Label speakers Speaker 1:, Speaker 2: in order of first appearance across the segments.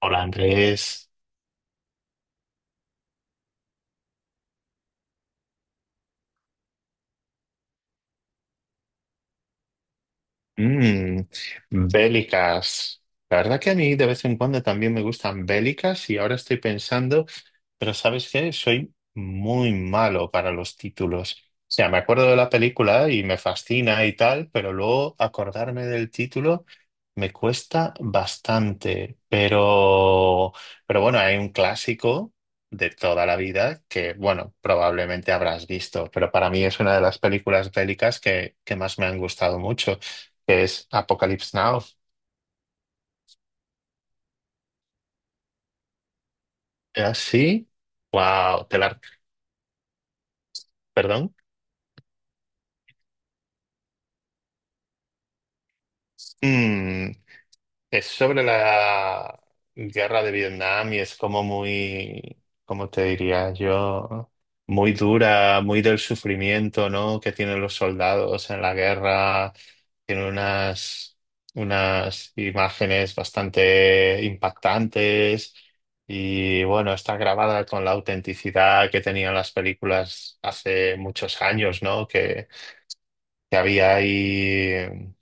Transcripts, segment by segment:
Speaker 1: Hola Andrés. Mm, bélicas. La verdad que a mí de vez en cuando también me gustan bélicas y ahora estoy pensando, pero ¿sabes qué? Soy muy malo para los títulos. O sea, me acuerdo de la película y me fascina y tal, pero luego acordarme del título me cuesta bastante. Pero bueno, hay un clásico de toda la vida que, bueno, probablemente habrás visto, pero para mí es una de las películas bélicas que más me han gustado mucho, que es Apocalypse Now. ¿Es así? Wow, Perdón. Es sobre la guerra de Vietnam y es como ¿cómo te diría yo? Muy dura, muy del sufrimiento, ¿no?, que tienen los soldados en la guerra. Tiene unas, unas imágenes bastante impactantes y bueno, está grabada con la autenticidad que tenían las películas hace muchos años, ¿no? Que había ahí.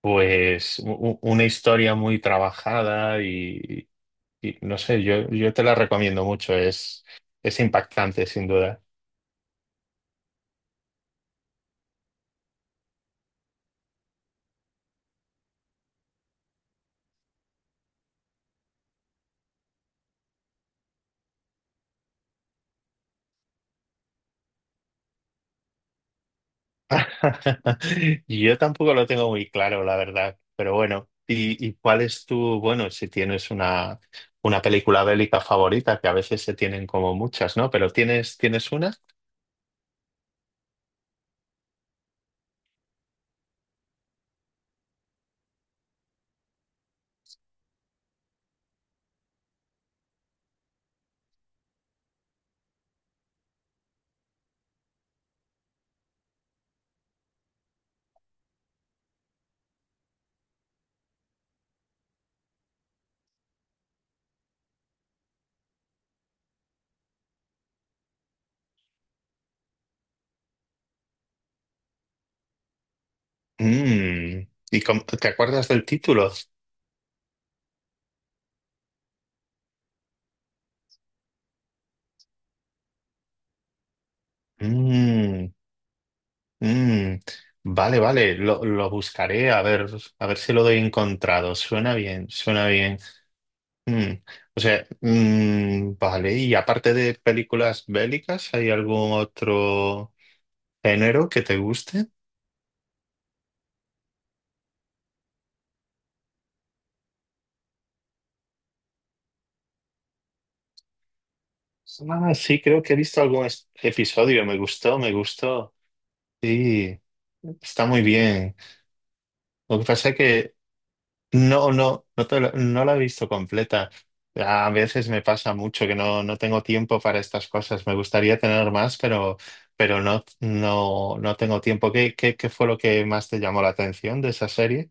Speaker 1: Pues una historia muy trabajada, y no sé, yo te la recomiendo mucho, es impactante sin duda. Yo tampoco lo tengo muy claro, la verdad, pero bueno, y cuál es tu, bueno, si tienes una película bélica favorita, que a veces se tienen como muchas, ¿no? Pero tienes una? ¿Y te acuerdas del título? Mm, Mm, vale, vale, lo buscaré a ver si lo he encontrado. Suena bien, suena bien. Mm, o sea, vale, y aparte de películas bélicas, ¿hay algún otro género que te guste? Ah, sí, creo que he visto algún episodio, me gustó. Sí, está muy bien. Lo que pasa es que No, no, no, no la he visto completa. A veces me pasa mucho que no, no tengo tiempo para estas cosas. Me gustaría tener más, pero no, no, no tengo tiempo. Qué fue lo que más te llamó la atención de esa serie?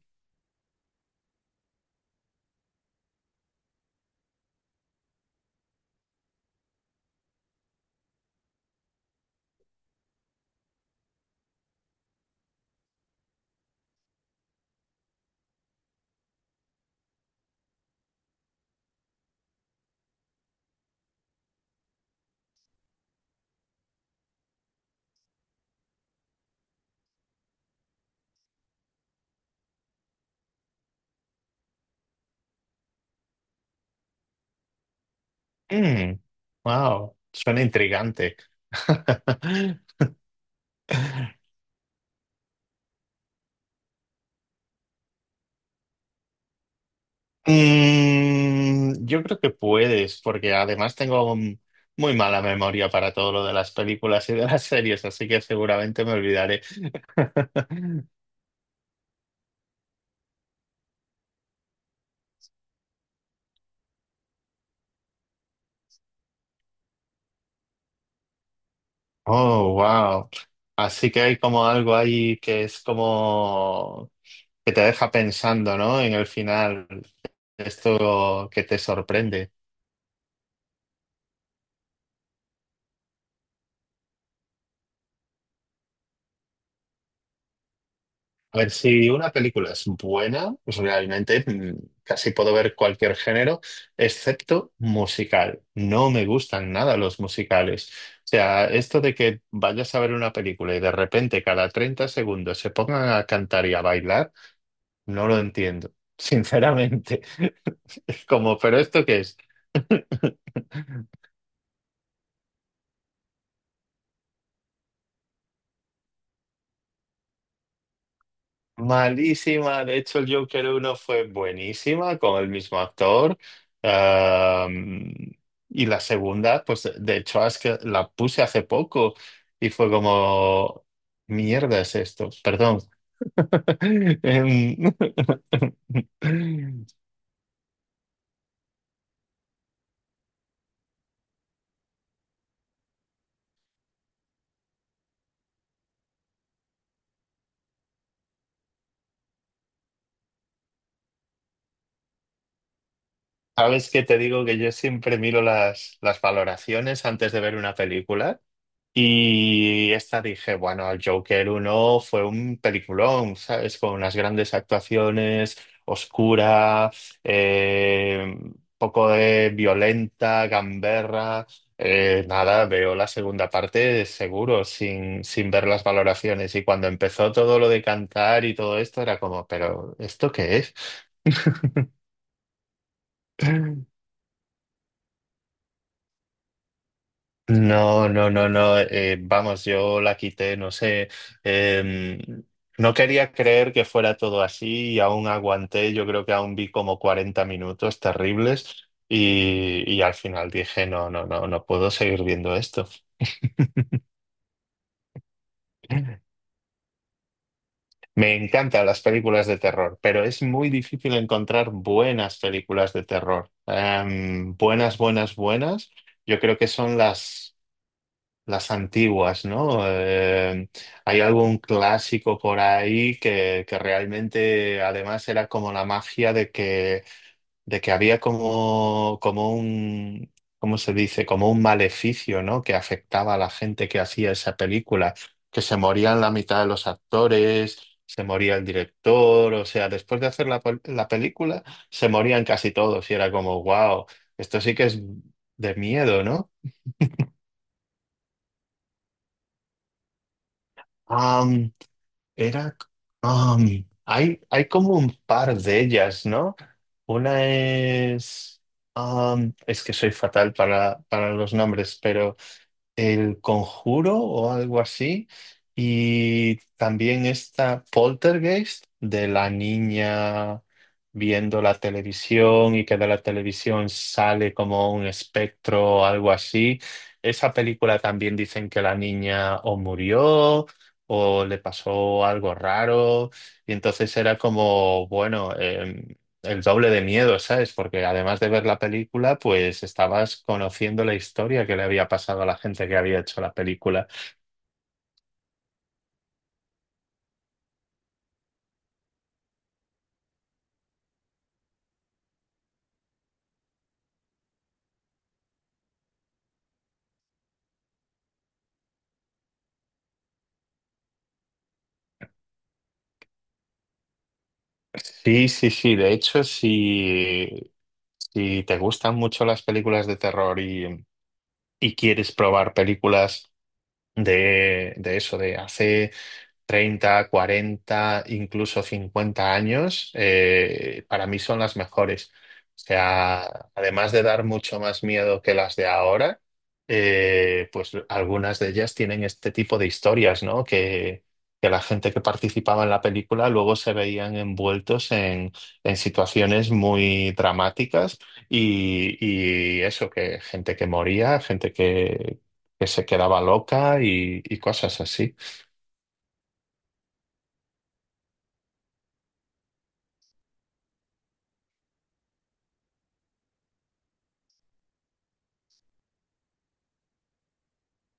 Speaker 1: Mm, wow, suena intrigante. Yo creo que puedes, porque además tengo muy mala memoria para todo lo de las películas y de las series, así que seguramente me olvidaré. Oh, wow. Así que hay como algo ahí que es como que te deja pensando, ¿no? En el final, esto que te sorprende. A ver, si una película es buena, pues realmente, casi puedo ver cualquier género, excepto musical. No me gustan nada los musicales. O sea, esto de que vayas a ver una película y de repente cada 30 segundos se pongan a cantar y a bailar, no lo entiendo, sinceramente. Es como, ¿pero esto qué es? Malísima. De hecho, el Joker uno fue buenísima con el mismo actor. Am, y la segunda, pues de hecho, es que la puse hace poco y fue como, mierda es esto, perdón. Em, Sabes que te digo que yo siempre miro las valoraciones antes de ver una película. Y esta dije, bueno, el Joker uno fue un peliculón, ¿sabes? Con unas grandes actuaciones, oscura, eh, poco de violenta, gamberra. Nada, veo la segunda parte seguro, sin ver las valoraciones. Y cuando empezó todo lo de cantar y todo esto, era como, ¿pero esto qué es? No, no, no, no. Vamos, yo la quité, no sé. em, no quería creer que fuera todo así y aún aguanté. Yo creo que aún vi como 40 minutos terribles, y al final dije, no, no, no, no puedo seguir viendo esto. Me encantan las películas de terror, pero es muy difícil encontrar buenas películas de terror. Buenas, buenas, buenas. Yo creo que son las... Las antiguas, ¿no? Hay algún clásico por ahí que realmente además era como la magia de que había como, como un, ¿cómo se dice? Como un maleficio, ¿no?, que afectaba a la gente que hacía esa película, que se morían la mitad de los actores, se moría el director, o sea, después de hacer la película, se morían casi todos y era como, wow, esto sí que es de miedo, ¿no? Era, hay, hay como un par de ellas, ¿no? Una es, es que soy fatal para los nombres, pero el Conjuro o algo así. Y también está Poltergeist de la niña viendo la televisión y que de la televisión sale como un espectro o algo así. Esa película también dicen que la niña o murió o le pasó algo raro. Y entonces era como, bueno, el doble de miedo, ¿sabes? Porque además de ver la película, pues estabas conociendo la historia que le había pasado a la gente que había hecho la película. Sí, sí, sí. De hecho, si te gustan mucho las películas de terror, y quieres probar películas de eso, de hace 30, 40, incluso 50 años, para mí son las mejores. O sea, además de dar mucho más miedo que las de ahora, pues algunas de ellas tienen este tipo de historias, ¿no?, que la gente que participaba en la película luego se veían envueltos en situaciones muy dramáticas y eso, que gente que moría, que se quedaba loca y cosas así.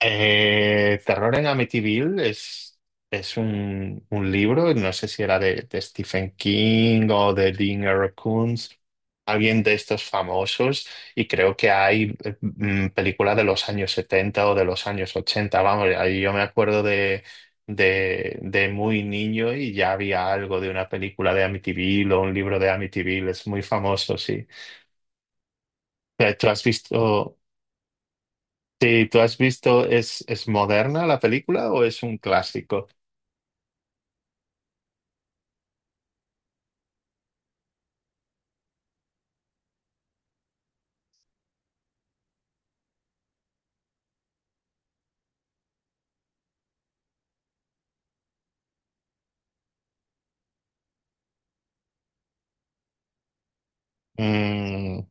Speaker 1: Terror en Amityville es un libro, no sé si era de Stephen King o de Dean R. Kuntz, alguien de estos famosos, y creo que hay películas de los años 70 o de los años 80 vamos, ahí yo me acuerdo de muy niño y ya había algo de una película de Amityville o un libro de Amityville, es muy famoso, sí. ¿Tú has visto? Sí, ¿tú has visto, es moderna la película o es un clásico? Mm.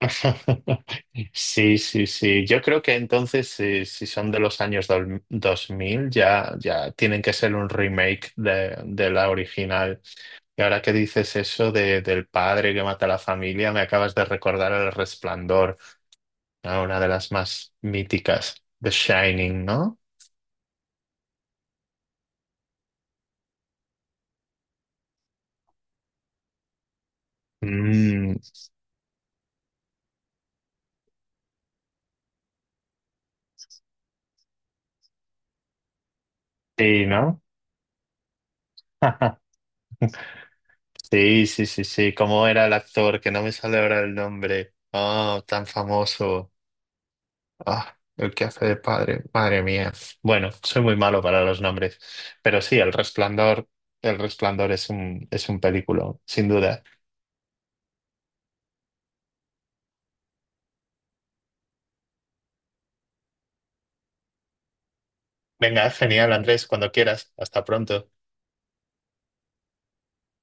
Speaker 1: Sí, sí, sí. Yo creo que entonces, si son de los años 2000 ya, ya tienen que ser un remake de la original. Y ahora que dices eso del padre que mata a la familia, me acabas de recordar El Resplandor, ¿no? Una de las más míticas, The Shining, ¿no? Mm, sí, ¿no? Sí, sí, sí, sí. ¿Cómo era el actor? Que no me sale ahora el nombre. Ah, tan famoso. Ah, el que hace de padre. Madre mía. Bueno, soy muy malo para los nombres. Pero sí, El Resplandor. El Resplandor es un película, sin duda. Venga, genial, Andrés, cuando quieras. Hasta pronto.